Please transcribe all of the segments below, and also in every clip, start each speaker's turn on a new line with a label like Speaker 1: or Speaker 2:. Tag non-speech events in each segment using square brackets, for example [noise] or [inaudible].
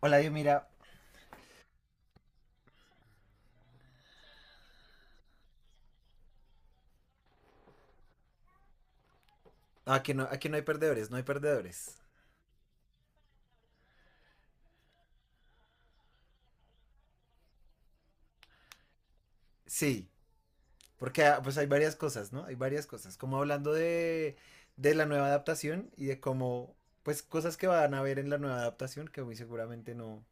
Speaker 1: Hola, Dios, mira. Aquí no hay perdedores, no hay perdedores. Sí, porque pues hay varias cosas, ¿no? Hay varias cosas. Como hablando de la nueva adaptación y de cómo, pues cosas que van a ver en la nueva adaptación que muy seguramente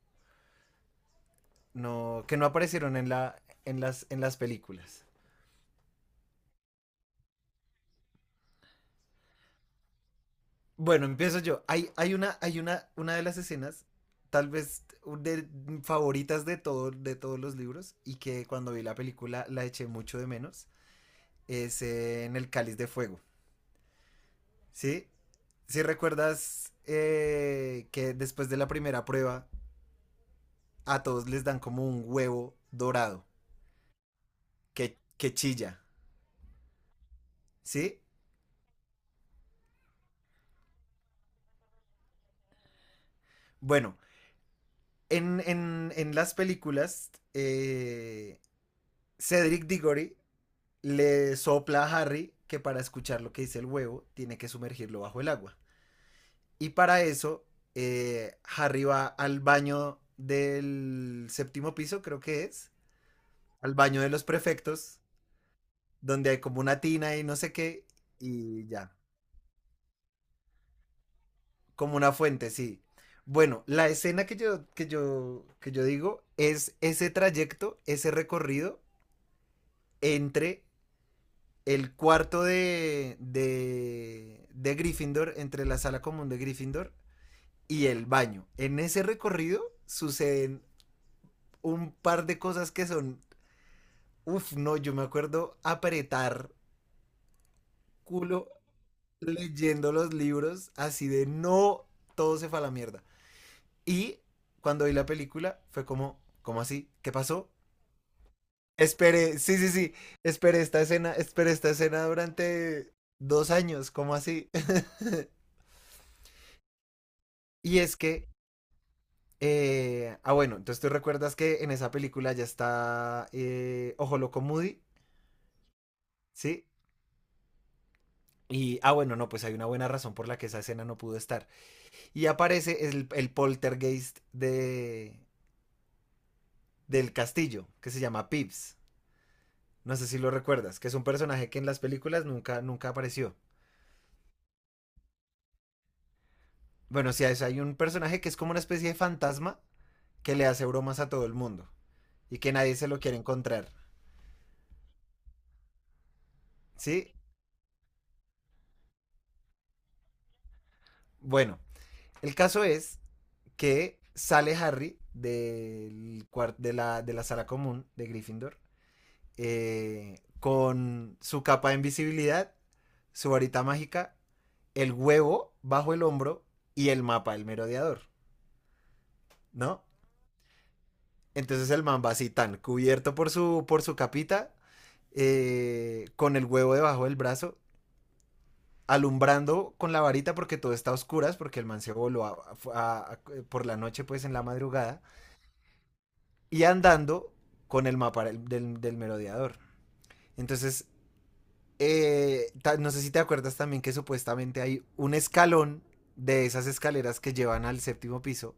Speaker 1: no, que no aparecieron en las películas. Bueno, empiezo yo. Hay una de las escenas, tal vez un de, favoritas de todos los libros y que cuando vi la película la eché mucho de menos. Es en el cáliz de fuego. Sí, si recuerdas que después de la primera prueba a todos les dan como un huevo dorado que chilla, ¿sí? Bueno, en las películas, Cedric Diggory le sopla a Harry que para escuchar lo que dice el huevo tiene que sumergirlo bajo el agua. Y para eso, Harry va al baño del séptimo piso, creo que es, al baño de los prefectos donde hay como una tina y no sé qué, y ya, como una fuente, sí. Bueno, la escena que yo digo es ese trayecto, ese recorrido entre el cuarto de Gryffindor, entre la sala común de Gryffindor y el baño. En ese recorrido suceden un par de cosas que son, uff, no, yo me acuerdo apretar culo leyendo los libros así de no, todo se fue a la mierda. Y cuando vi la película fue como, ¿cómo así? ¿Qué pasó? Esperé, sí, sí, sí, esperé esta escena durante 2 años, ¿cómo así? [laughs] Y es que, bueno, entonces tú recuerdas que en esa película ya está Ojo Loco Moody, ¿sí? Y, bueno, no, pues hay una buena razón por la que esa escena no pudo estar. Y aparece el poltergeist del castillo, que se llama Pips. No sé si lo recuerdas, que es un personaje que en las películas nunca, nunca apareció. Bueno, sí, hay un personaje que es como una especie de fantasma que le hace bromas a todo el mundo y que nadie se lo quiere encontrar. ¿Sí? Bueno, el caso es que sale Harry del cuar- de la sala común de Gryffindor, con su capa de invisibilidad, su varita mágica, el huevo bajo el hombro y el mapa del merodeador, ¿no? Entonces el man va así tan cubierto por su capita, con el huevo debajo del brazo, alumbrando con la varita porque todo está a oscuras, porque el man se voló por la noche, pues en la madrugada, y andando con el mapa del merodeador. Entonces, no sé si te acuerdas también que supuestamente hay un escalón de esas escaleras que llevan al séptimo piso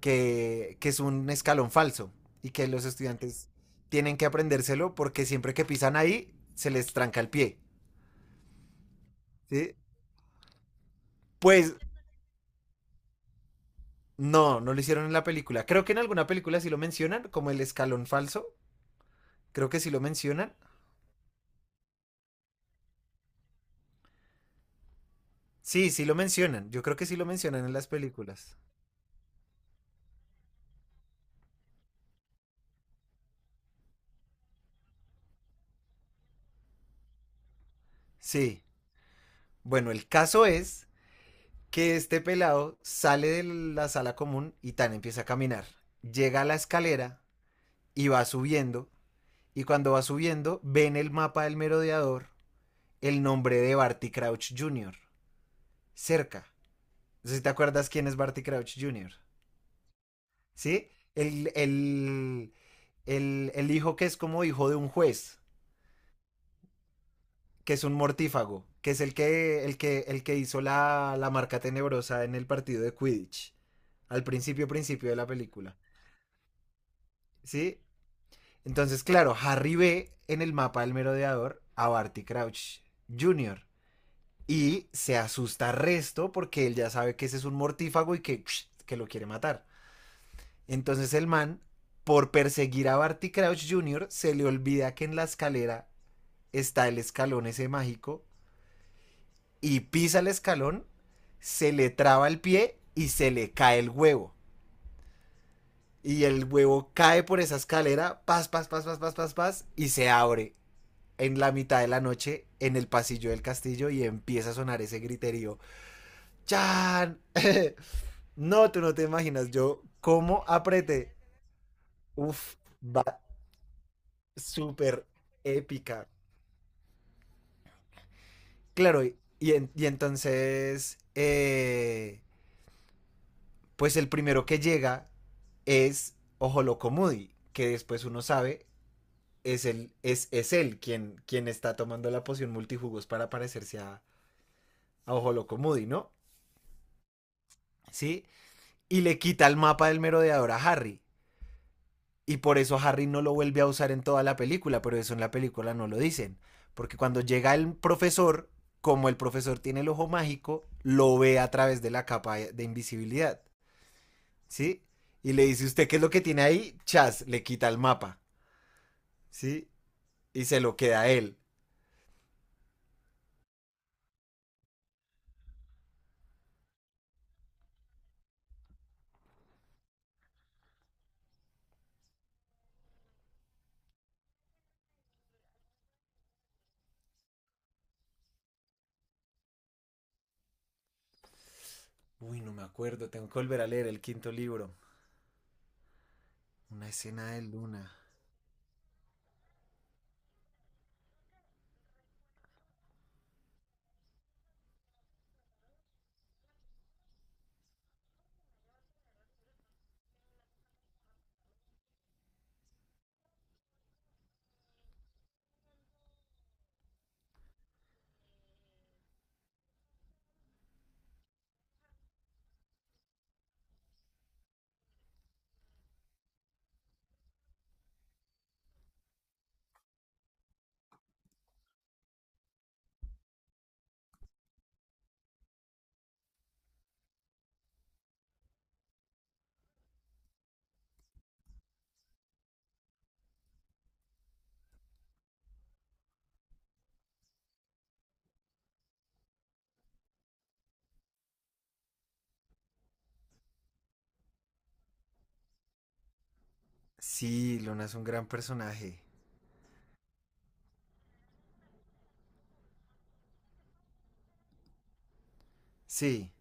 Speaker 1: que es un escalón falso y que los estudiantes tienen que aprendérselo porque siempre que pisan ahí se les tranca el pie. ¿Sí? Pues no, no lo hicieron en la película. Creo que en alguna película sí lo mencionan, como el escalón falso. Creo que sí lo mencionan. Sí, sí lo mencionan. Yo creo que sí lo mencionan en las películas. Sí. Bueno, el caso es que este pelado sale de la sala común y tan empieza a caminar. Llega a la escalera y va subiendo. Y cuando va subiendo, ve en el mapa del merodeador el nombre de Barty Crouch Jr. cerca. No sé si te acuerdas quién es Barty Crouch Jr. ¿Sí? El hijo que es como hijo de un juez, que es un mortífago, que es el que hizo la marca tenebrosa en el partido de Quidditch. Al principio, principio de la película. ¿Sí? Entonces, claro, Harry ve en el mapa del merodeador a Barty Crouch Jr. Y se asusta resto porque él ya sabe que ese es un mortífago y que lo quiere matar. Entonces el man, por perseguir a Barty Crouch Jr., se le olvida que en la escalera está el escalón ese mágico y pisa el escalón, se le traba el pie y se le cae el huevo. Y el huevo cae por esa escalera, pas, pas, pas, pas, pas, pas, pas, y se abre en la mitad de la noche en el pasillo del castillo y empieza a sonar ese griterío. ¡Chan! [laughs] No, tú no te imaginas, yo cómo apreté. Uf, va súper épica. Claro, y entonces, pues el primero que llega es Ojolocomudi, que después uno sabe es él, es él quien está tomando la poción multijugos para parecerse a Ojolocomudi, ¿no? Sí, y le quita el mapa del merodeador a Harry. Y por eso Harry no lo vuelve a usar en toda la película, pero eso en la película no lo dicen. Porque cuando llega el profesor, como el profesor tiene el ojo mágico, lo ve a través de la capa de invisibilidad, ¿sí? Y le dice, ¿usted qué es lo que tiene ahí? Chas, le quita el mapa, ¿sí? Y se lo queda a él. Uy, no me acuerdo, tengo que volver a leer el quinto libro. Una escena de Luna. Sí, Luna es un gran personaje. Sí,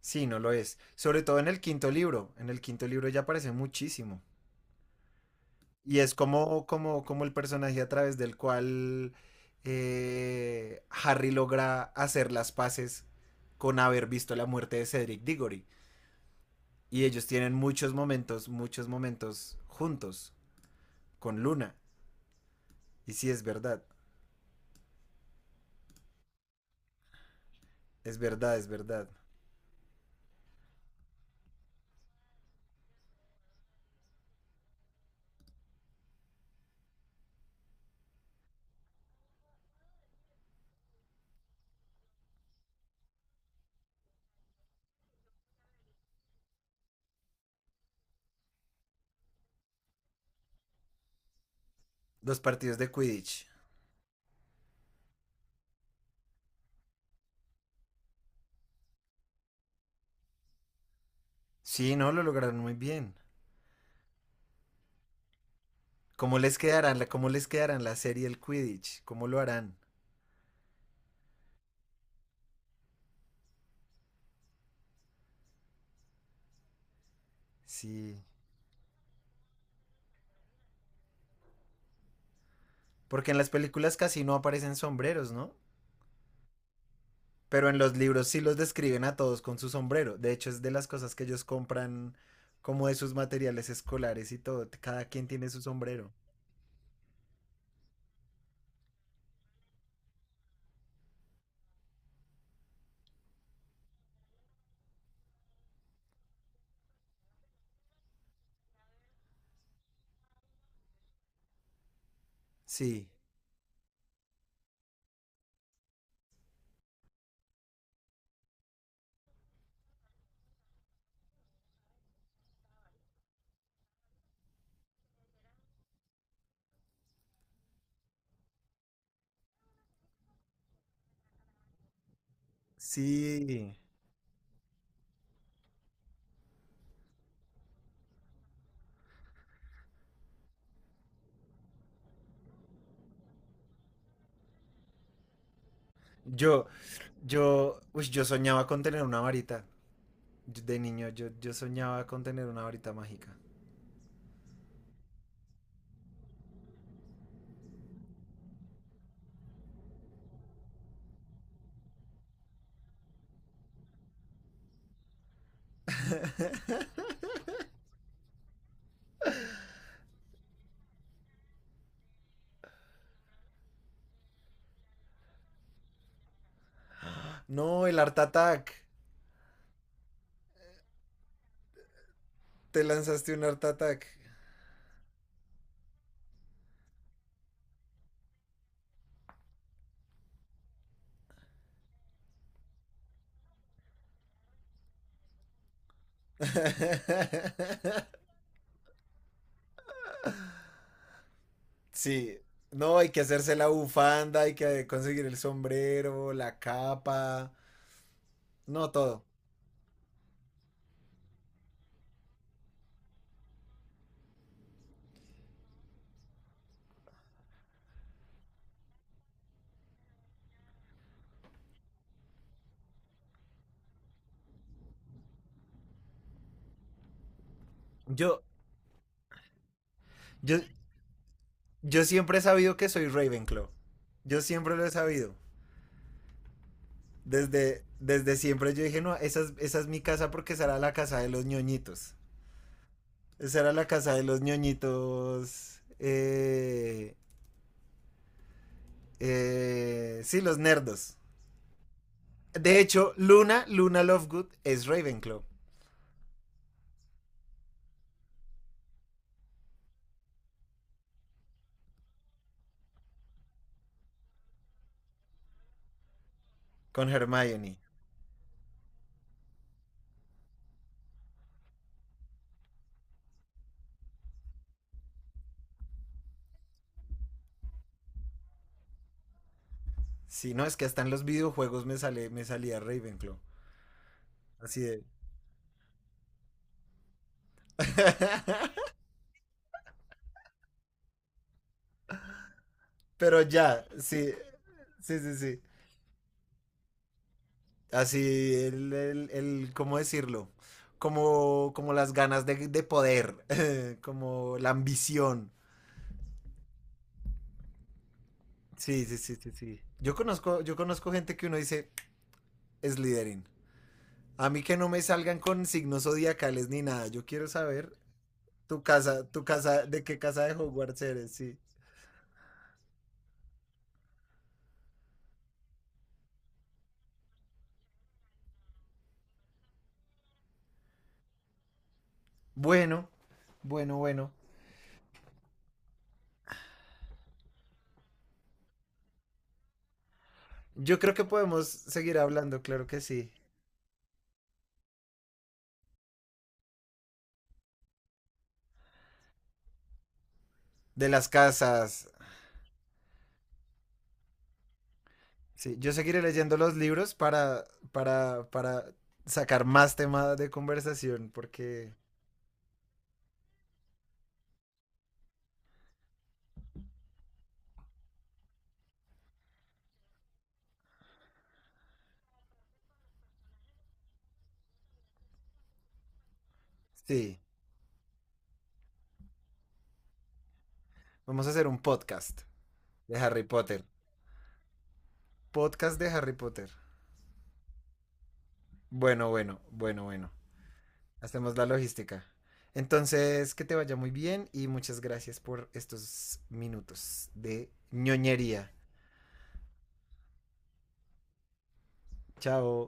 Speaker 1: sí, no lo es. Sobre todo en el quinto libro. En el quinto libro ya aparece muchísimo. Y es como el personaje a través del cual Harry logra hacer las paces con haber visto la muerte de Cedric Diggory. Y ellos tienen muchos momentos juntos con Luna. Y sí, es verdad, es verdad, es verdad. Los partidos de Quidditch. Sí, no, lo lograron muy bien. ¿Cómo les quedarán, cómo les quedarán la serie del Quidditch? ¿Cómo lo harán? Sí. Porque en las películas casi no aparecen sombreros, ¿no? Pero en los libros sí los describen a todos con su sombrero. De hecho, es de las cosas que ellos compran como de sus materiales escolares y todo. Cada quien tiene su sombrero. Sí, sí. Yo, uy, yo soñaba con tener una varita. De niño, yo soñaba con tener una varita mágica. No, el Art Attack. Te lanzaste un Art Attack. [laughs] Sí. No, hay que hacerse la bufanda, hay que conseguir el sombrero, la capa. No, todo. Yo, yo, yo siempre he sabido que soy Ravenclaw. Yo siempre lo he sabido. Desde siempre yo dije, no, esa es mi casa porque será la casa de los ñoñitos. Esa era la casa de los ñoñitos. Sí, los nerdos. De hecho, Luna, Luna Lovegood es Ravenclaw con Hermione. Sí, no, es que hasta en los videojuegos me salía Ravenclaw. Así de. [laughs] Pero ya, sí. Sí, sí, sí. Así, ¿cómo decirlo? Como las ganas de poder, [laughs] como la ambición. Sí, sí, sí, sí, sí. Yo conozco gente que uno dice, es Slytherin. A mí que no me salgan con signos zodiacales ni nada. Yo quiero saber tu casa, de qué casa de Hogwarts eres, sí. Bueno, bueno, bueno. Yo creo que podemos seguir hablando, claro que sí. De las casas, sí, yo seguiré leyendo los libros para sacar más temas de conversación, porque sí, vamos a hacer un podcast de Harry Potter. Podcast de Harry Potter. Bueno, bueno, bueno, bueno. Hacemos la logística. Entonces, que te vaya muy bien y muchas gracias por estos minutos de ñoñería. Chao.